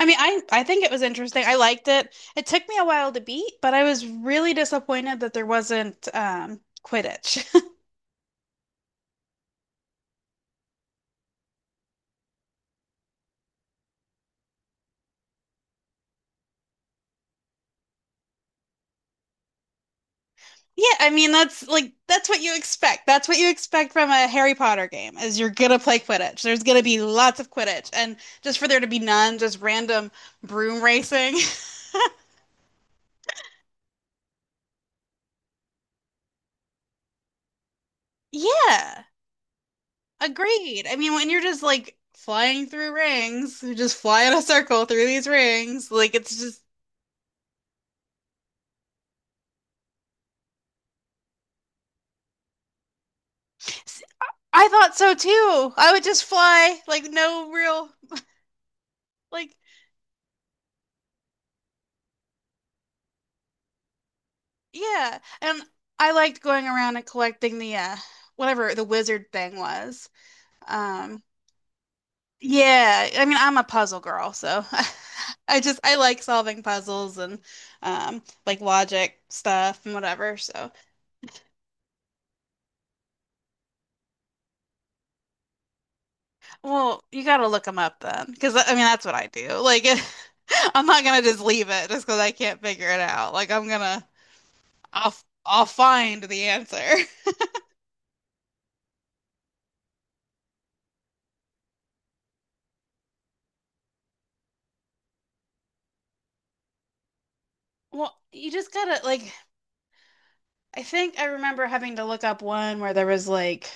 I mean, I think it was interesting. I liked it. It took me a while to beat, but I was really disappointed that there wasn't Quidditch. Yeah, I mean that's what you expect. That's what you expect from a Harry Potter game is you're gonna play Quidditch. There's gonna be lots of Quidditch, and just for there to be none, just random broom racing. Yeah, agreed. I mean, when you're just like flying through rings, you just fly in a circle through these rings, like it's just I thought so too. I would just fly, like no real, like yeah. And I liked going around and collecting the whatever the wizard thing was. Um yeah, I mean I'm a puzzle girl, so. I like solving puzzles and like logic stuff and whatever. So, well, you got to look them up then, because I mean that's what I do. Like, I'm not gonna just leave it just because I can't figure it out. Like I'm gonna I'll I'll find the answer. Well, you just gotta, like, I think I remember having to look up one where there was like,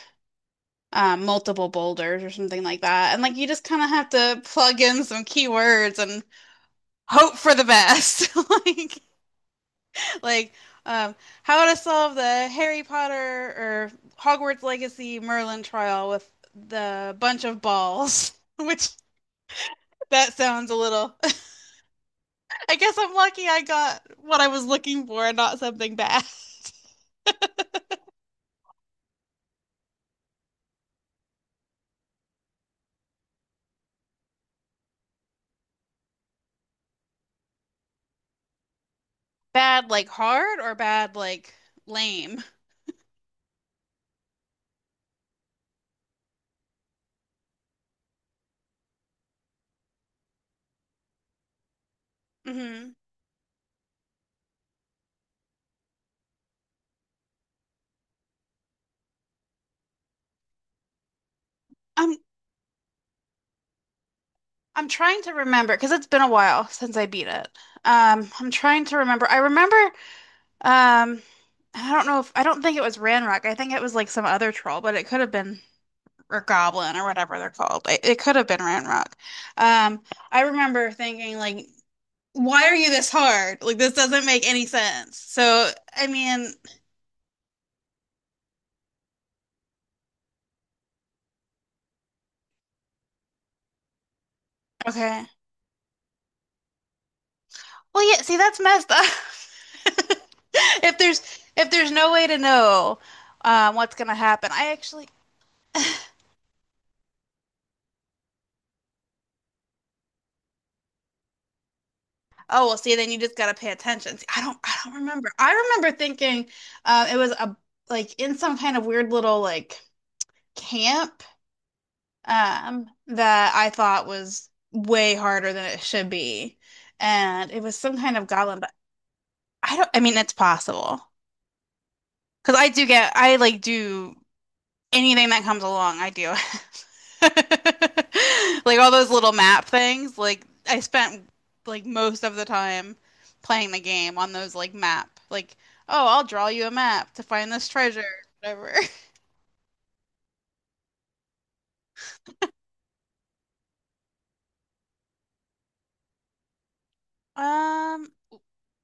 multiple boulders or something like that, and like you just kind of have to plug in some keywords and hope for the best. like like um, how to solve the Harry Potter or Hogwarts Legacy Merlin trial with the bunch of balls, which that sounds a little. I guess I'm lucky I got what I was looking for, and not something bad. Bad like hard or bad like lame? Hmm. I'm I'm trying to remember because it's been a while since I beat it. I'm trying to remember. I remember, um I don't think it was Ranrock. I think it was like some other troll, but it could have been, or Goblin or whatever they're called. It could have been Ranrock. Um, I remember thinking, like, why are you this hard? Like this doesn't make any sense. So I mean, okay. Well, yeah, see, that's messed up. If there's if there's no way to know, what's gonna happen, I actually oh well, see, then you just gotta pay attention. See, I don't remember. I remember thinking, it was a, like, in some kind of weird little, like, camp, that I thought was way harder than it should be, and it was some kind of goblin. But I don't. I mean, it's possible because I like do anything that comes along. I do. Like all those little map things, like I spent like most of the time playing the game on those, like, map. Like, oh, I'll draw you a map to find this treasure, whatever. Um,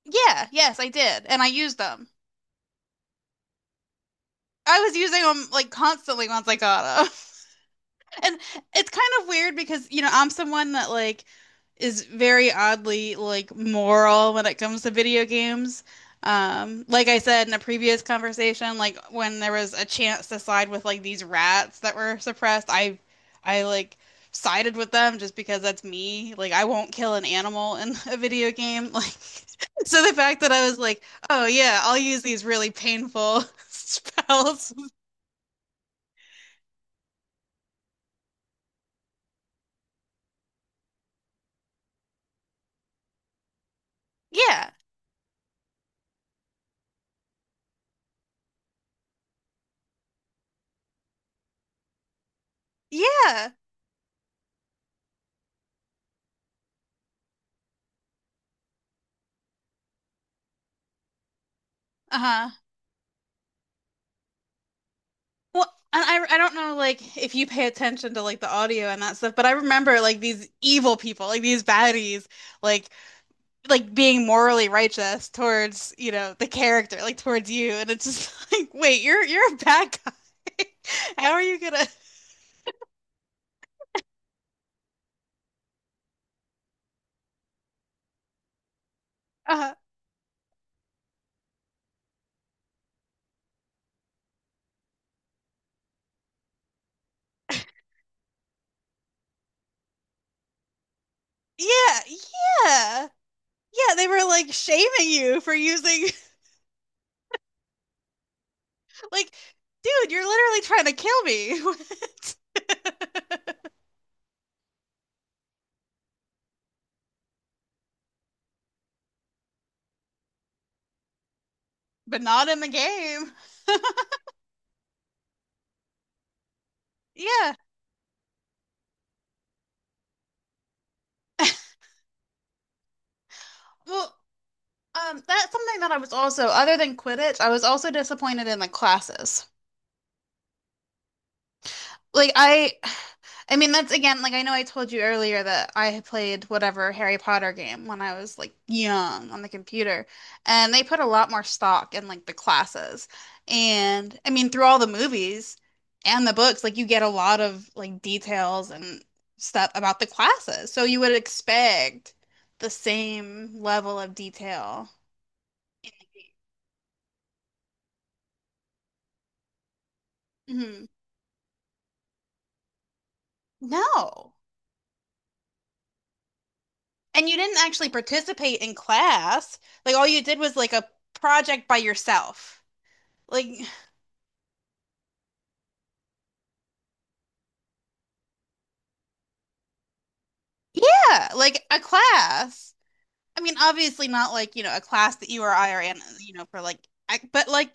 yeah, yes, I did, and I used them. I was using them, like, constantly once I got them. And it's kind of weird because, you know, I'm someone that, like, is very oddly, like, moral when it comes to video games. Like I said in a previous conversation, like when there was a chance to side with like these rats that were suppressed, I like sided with them just because that's me. Like I won't kill an animal in a video game. Like, so the fact that I was like, "Oh yeah, I'll use these really painful spells." Yeah. Yeah. Uh-huh. Well, and I don't know, like, if you pay attention to like the audio and that stuff, but I remember like these evil people, like these baddies, like like being morally righteous towards, you know, the character, like towards you, and it's just like, wait, you're a bad guy. How are you gonna, uh yeah, yeah. Yeah, they were like shaming you for using. Like, dude, you're literally trying to kill me. But not in the game. Yeah. Well, that's something that I was also, other than Quidditch, I was also disappointed in, like, classes. Like, I mean that's again, like, I know I told you earlier that I had played whatever Harry Potter game when I was like young on the computer, and they put a lot more stock in, like, the classes, and I mean through all the movies and the books, like you get a lot of like details and stuff about the classes, so you would expect the same level of detail. Hmm. No. And you didn't actually participate in class. Like all you did was like a project by yourself. Like, yeah, like a class. I mean, obviously not like, you know, a class that you or I are in, you know, for like, but like,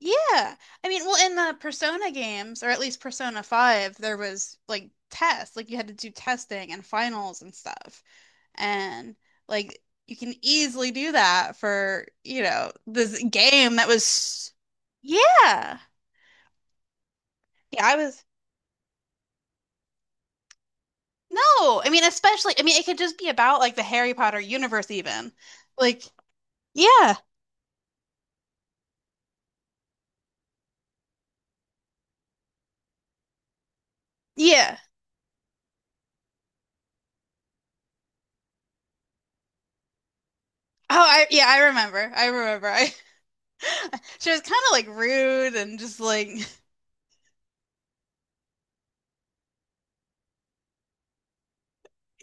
yeah. I mean, well, in the Persona games or at least Persona 5, there was like tests. Like you had to do testing and finals and stuff. And like you can easily do that for, you know, this game that was Yeah. Yeah, I was no, I mean especially, I mean, it could just be about like the Harry Potter universe even. Like, yeah. Yeah. Oh, I yeah, I remember. I remember. I she was kind of like rude and just like,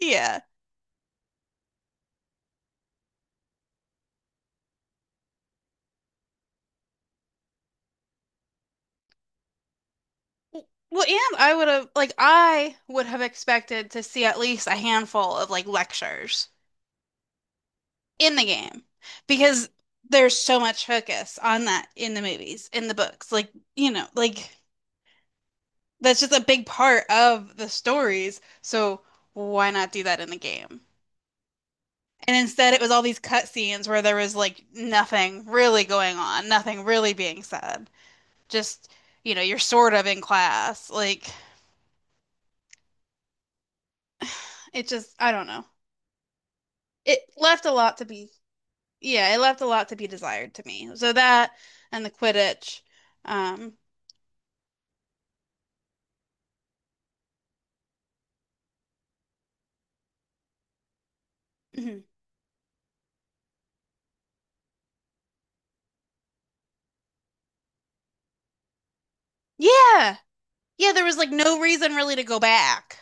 yeah. Well, and I would have expected to see at least a handful of like lectures in the game because there's so much focus on that in the movies, in the books. Like, you know, like that's just a big part of the stories. So why not do that in the game? And instead, it was all these cutscenes where there was like nothing really going on, nothing really being said. Just, you know, you're sort of in class. Like it just, I don't know. It left a lot to be, yeah, it left a lot to be desired to me. So that, and the Quidditch. Um, yeah. Yeah, there was like no reason really to go back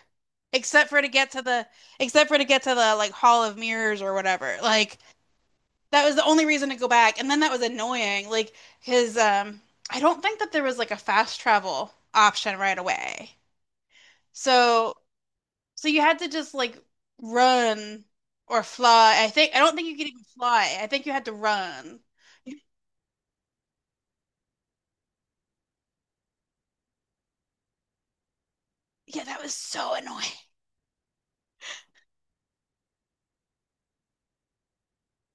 except for to get to the except for to get to the like Hall of Mirrors or whatever. Like that was the only reason to go back. And then that was annoying. Like, his I don't think that there was like a fast travel option right away. So so you had to just, like, run or fly. I think I don't think you could even fly. I think you had to run. Yeah, that was so annoying.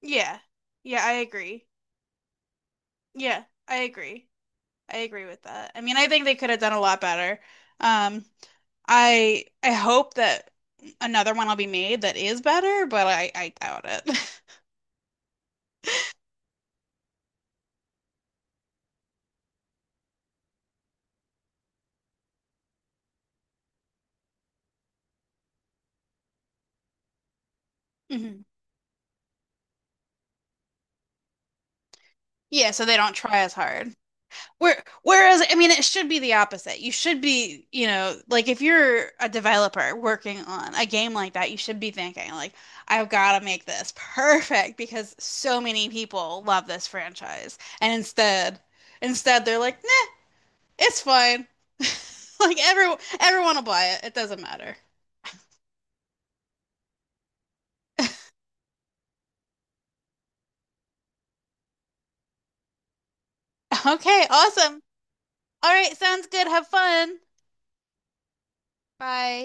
Yeah. Yeah, I agree. Yeah, I agree. I agree with that. I mean, I think they could have done a lot better. Um, I hope that another one will be made that is better, but I doubt it. Mhm. Yeah, so they don't try as hard. Whereas, I mean, it should be the opposite. You should be, you know, like if you're a developer working on a game like that, you should be thinking, like, I've got to make this perfect because so many people love this franchise. And instead they're like, nah, it's fine. Like everyone will buy it. It doesn't matter. Okay, awesome. All right, sounds good. Have fun. Bye.